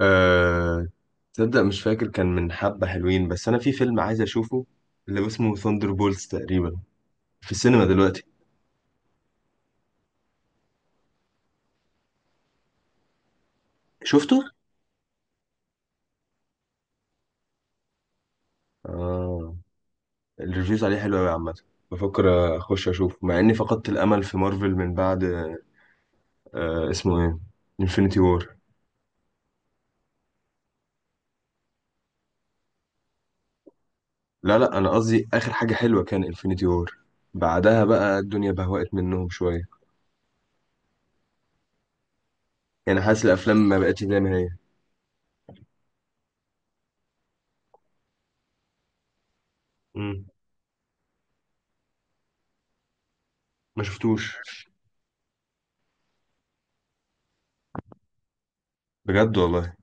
أه... تصدق؟ مش فاكر، كان من حبة حلوين، بس أنا في فيلم عايز أشوفه اللي اسمه ثاندر بولز تقريبا، في السينما دلوقتي. شفته؟ آه، الريفيوز عليه حلوة أوي عامة. بفكر أخش أشوفه مع إني فقدت الأمل في مارفل من بعد. آه، اسمه إيه؟ انفينيتي وور. لا لا، أنا قصدي آخر حاجة حلوة كان انفينيتي وور. بعدها بقى الدنيا بهوأت منهم شوية. يعني حاسس الأفلام ما بقتش زي ما هي. مم. ما شفتوش. بجد والله.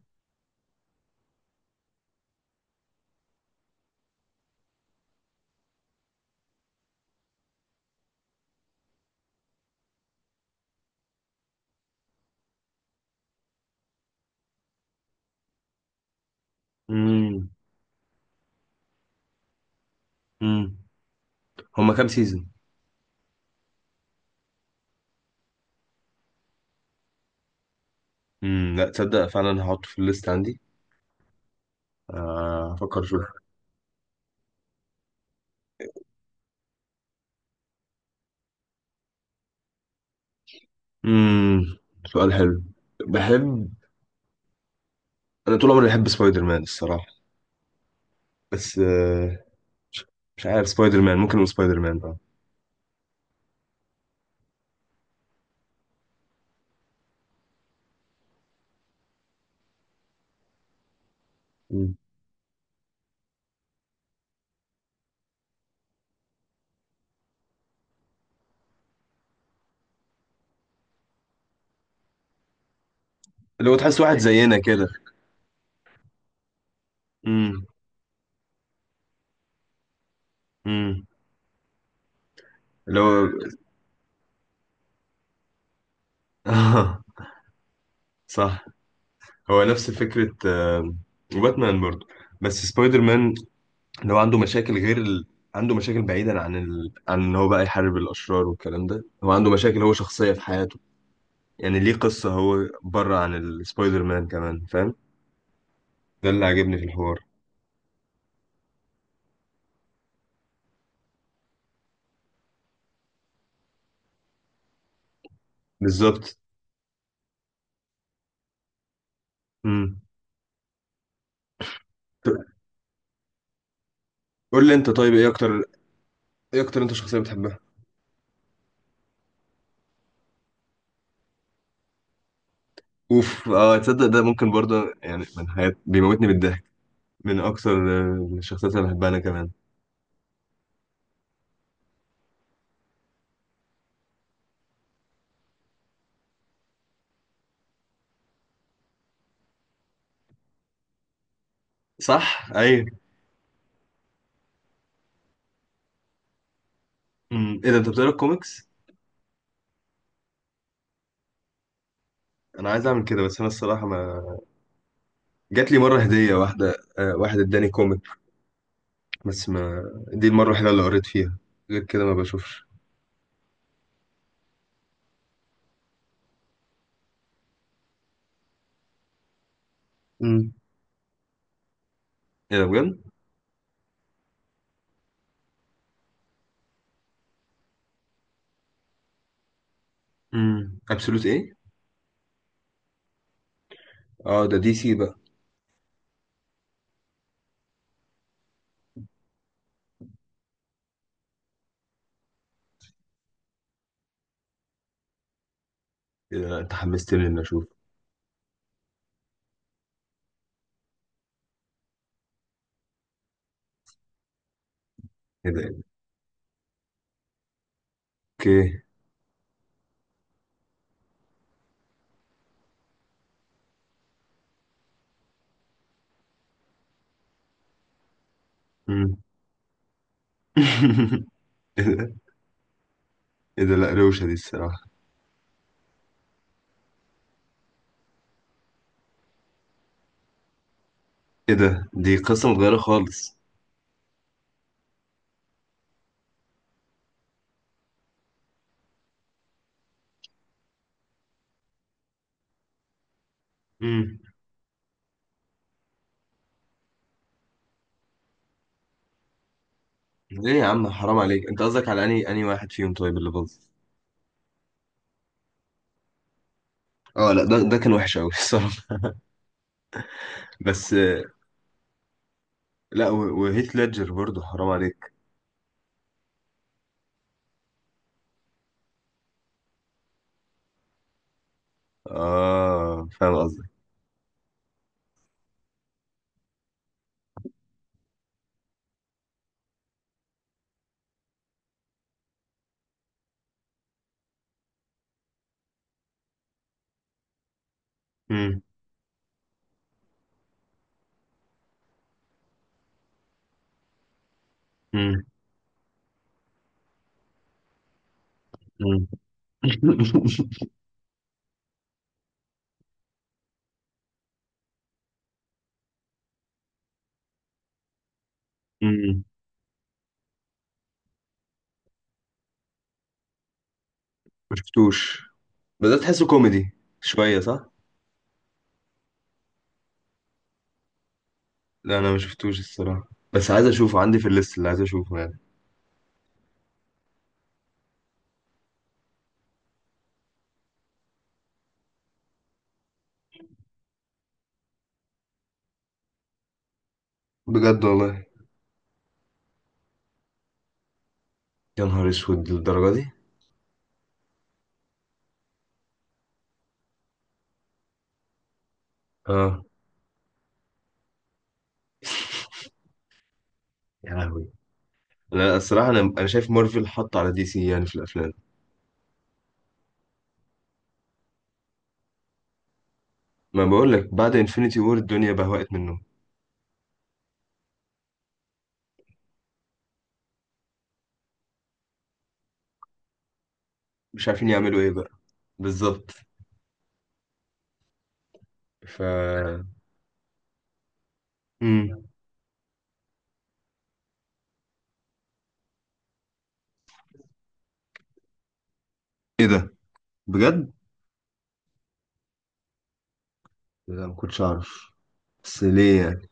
مم. مم. هما كام سيزون؟ لا، تصدق فعلا هحطه في الليست عندي. آه، هفكر اشوف. امم سؤال حلو. بحب انا طول عمري بحب سبايدر مان الصراحه. بس مش مش عارف، سبايدر مان ممكن نقول سبايدر مان اه. مم. اللي هو تحس واحد زينا كده. امم امم اللي هو صح. هو نفس فكره، باتمان برضه، بس سبايدر مان اللي هو عنده مشاكل غير عنده مشاكل بعيدا عن عن ان هو بقى يحارب الاشرار والكلام ده، هو عنده مشاكل، هو شخصيه في حياته. يعني ليه قصة، هو بره عن السبايدر مان كمان، فاهم. ده اللي عاجبني في الحوار. بالظبط. امم قول لي انت طيب، ايه اكتر انت شخصية بتحبها. اوف، اه تصدق ده ممكن برضه يعني، من حياة بيموتني بالضحك. من اكتر الشخصيات اللي بحبها انا كمان. صح، ايوه. ايه ده، انت بتقرا كوميكس؟ انا عايز اعمل كده، بس انا الصراحة ما جات لي مرة هدية واحدة واحد اداني كوميك، بس ما، دي المرة الوحيدة اللي قريت فيها، غير كده ما بشوفش. امم ايه ده، بجد؟ ابسولوت ايه؟ اه، ده دي سي بقى. إيه ده، انت حمستني اني اشوف. ايه ده؟ اوكي. مم. ايه ده. ايه ده، لا روشة دي الصراحة. ايه ده، دي قصة متغيرة خالص. مم. ليه يا عم، حرام عليك، انت قصدك على اني واحد فيهم طيب اللي باظ؟ اه لا، ده كان وحش قوي، الصراحة. بس لا، وهيث ليدجر برضه حرام عليك. اه، فاهم قصدك. مم. مم. مم. مم. ما شفتوش. بدأت تحسه كوميدي شوية، صح؟ لا انا ما شفتوش الصراحه، بس عايز اشوفه عندي في الليست اللي عايز اشوفه يعني. بجد والله. يا نهار اسود، للدرجه دي؟ اه. يا لهوي. لا الصراحه، انا شايف مارفل حط على دي سي يعني في الافلام. ما بقول لك، بعد انفينيتي وور الدنيا بهوأت منهم. مش عارفين يعملوا ايه بقى. بالظبط. ف امم ايه ده، بجد؟ لا، ما كنتش اعرف، بس ليه يعني؟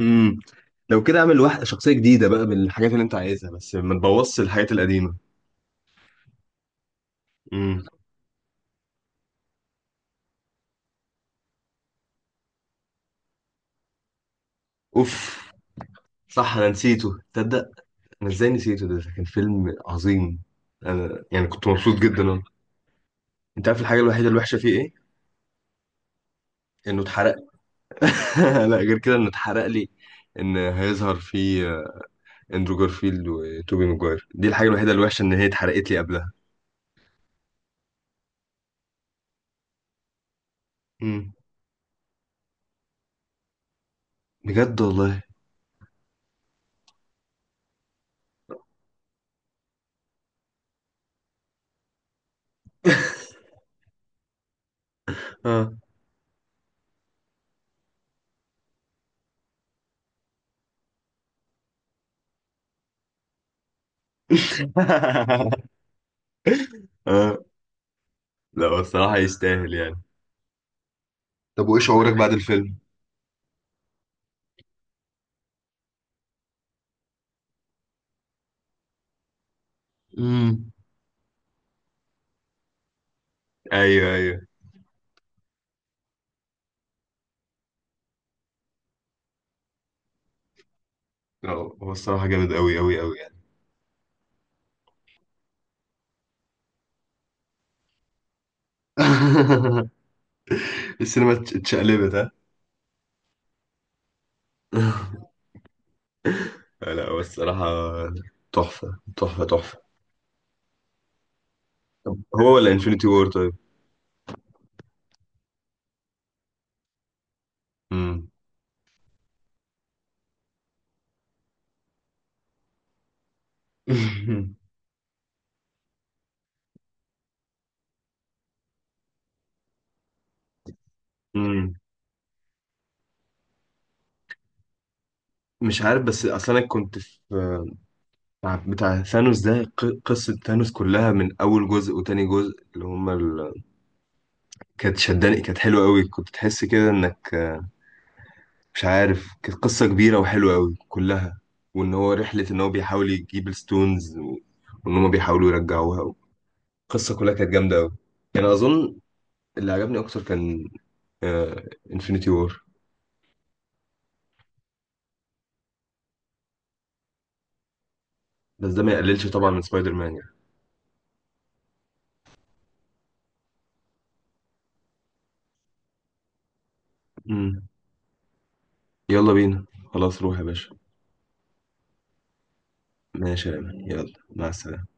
امم لو كده اعمل واحده شخصيه جديده بقى من الحاجات اللي انت عايزها، بس ما تبوظش الحاجات القديمه. امم اوف، صح انا نسيته، تصدق انا ازاي نسيته، ده كان فيلم عظيم. انا يعني كنت مبسوط جدا أنا. انت عارف الحاجه الوحيده الوحشه فيه ايه؟ انه اتحرق. لا، غير كده انه اتحرق لي، ان هيظهر فيه اندرو جارفيلد وتوبي ماجواير، دي الحاجه الوحيده الوحشه، ان هي اتحرقت لي قبلها. مم. بجد والله. اه. اه، لا هو الصراحه يستاهل يعني. طب وايه شعورك بعد الفيلم؟ امم ايوه، ايوه. لا، هو الصراحه جامد قوي قوي قوي يعني. السينما اتشقلبت، ها. لا بس الصراحة، تحفة تحفة تحفة. طب هو ولا انفينيتي وور طيب؟ مم. مم. مش عارف، بس اصل انا كنت في بتاع ثانوس ده، قصة ثانوس كلها من اول جزء وتاني جزء اللي هما كانت شداني، كانت حلوة قوي، كنت تحس كده انك، مش عارف، كانت قصة كبيرة وحلوة قوي كلها، وان هو رحلة ان هو بيحاول يجيب الستونز وان هما بيحاولوا يرجعوها. القصة كلها كانت جامدة قوي، يعني اظن اللي عجبني اكتر كان انفينيتي وور. بس ده ما يقللش طبعا من سبايدر مان يعني. مم. يلا بينا، خلاص روح يا باشا. ماشي يا أمان. يلا مع السلامة.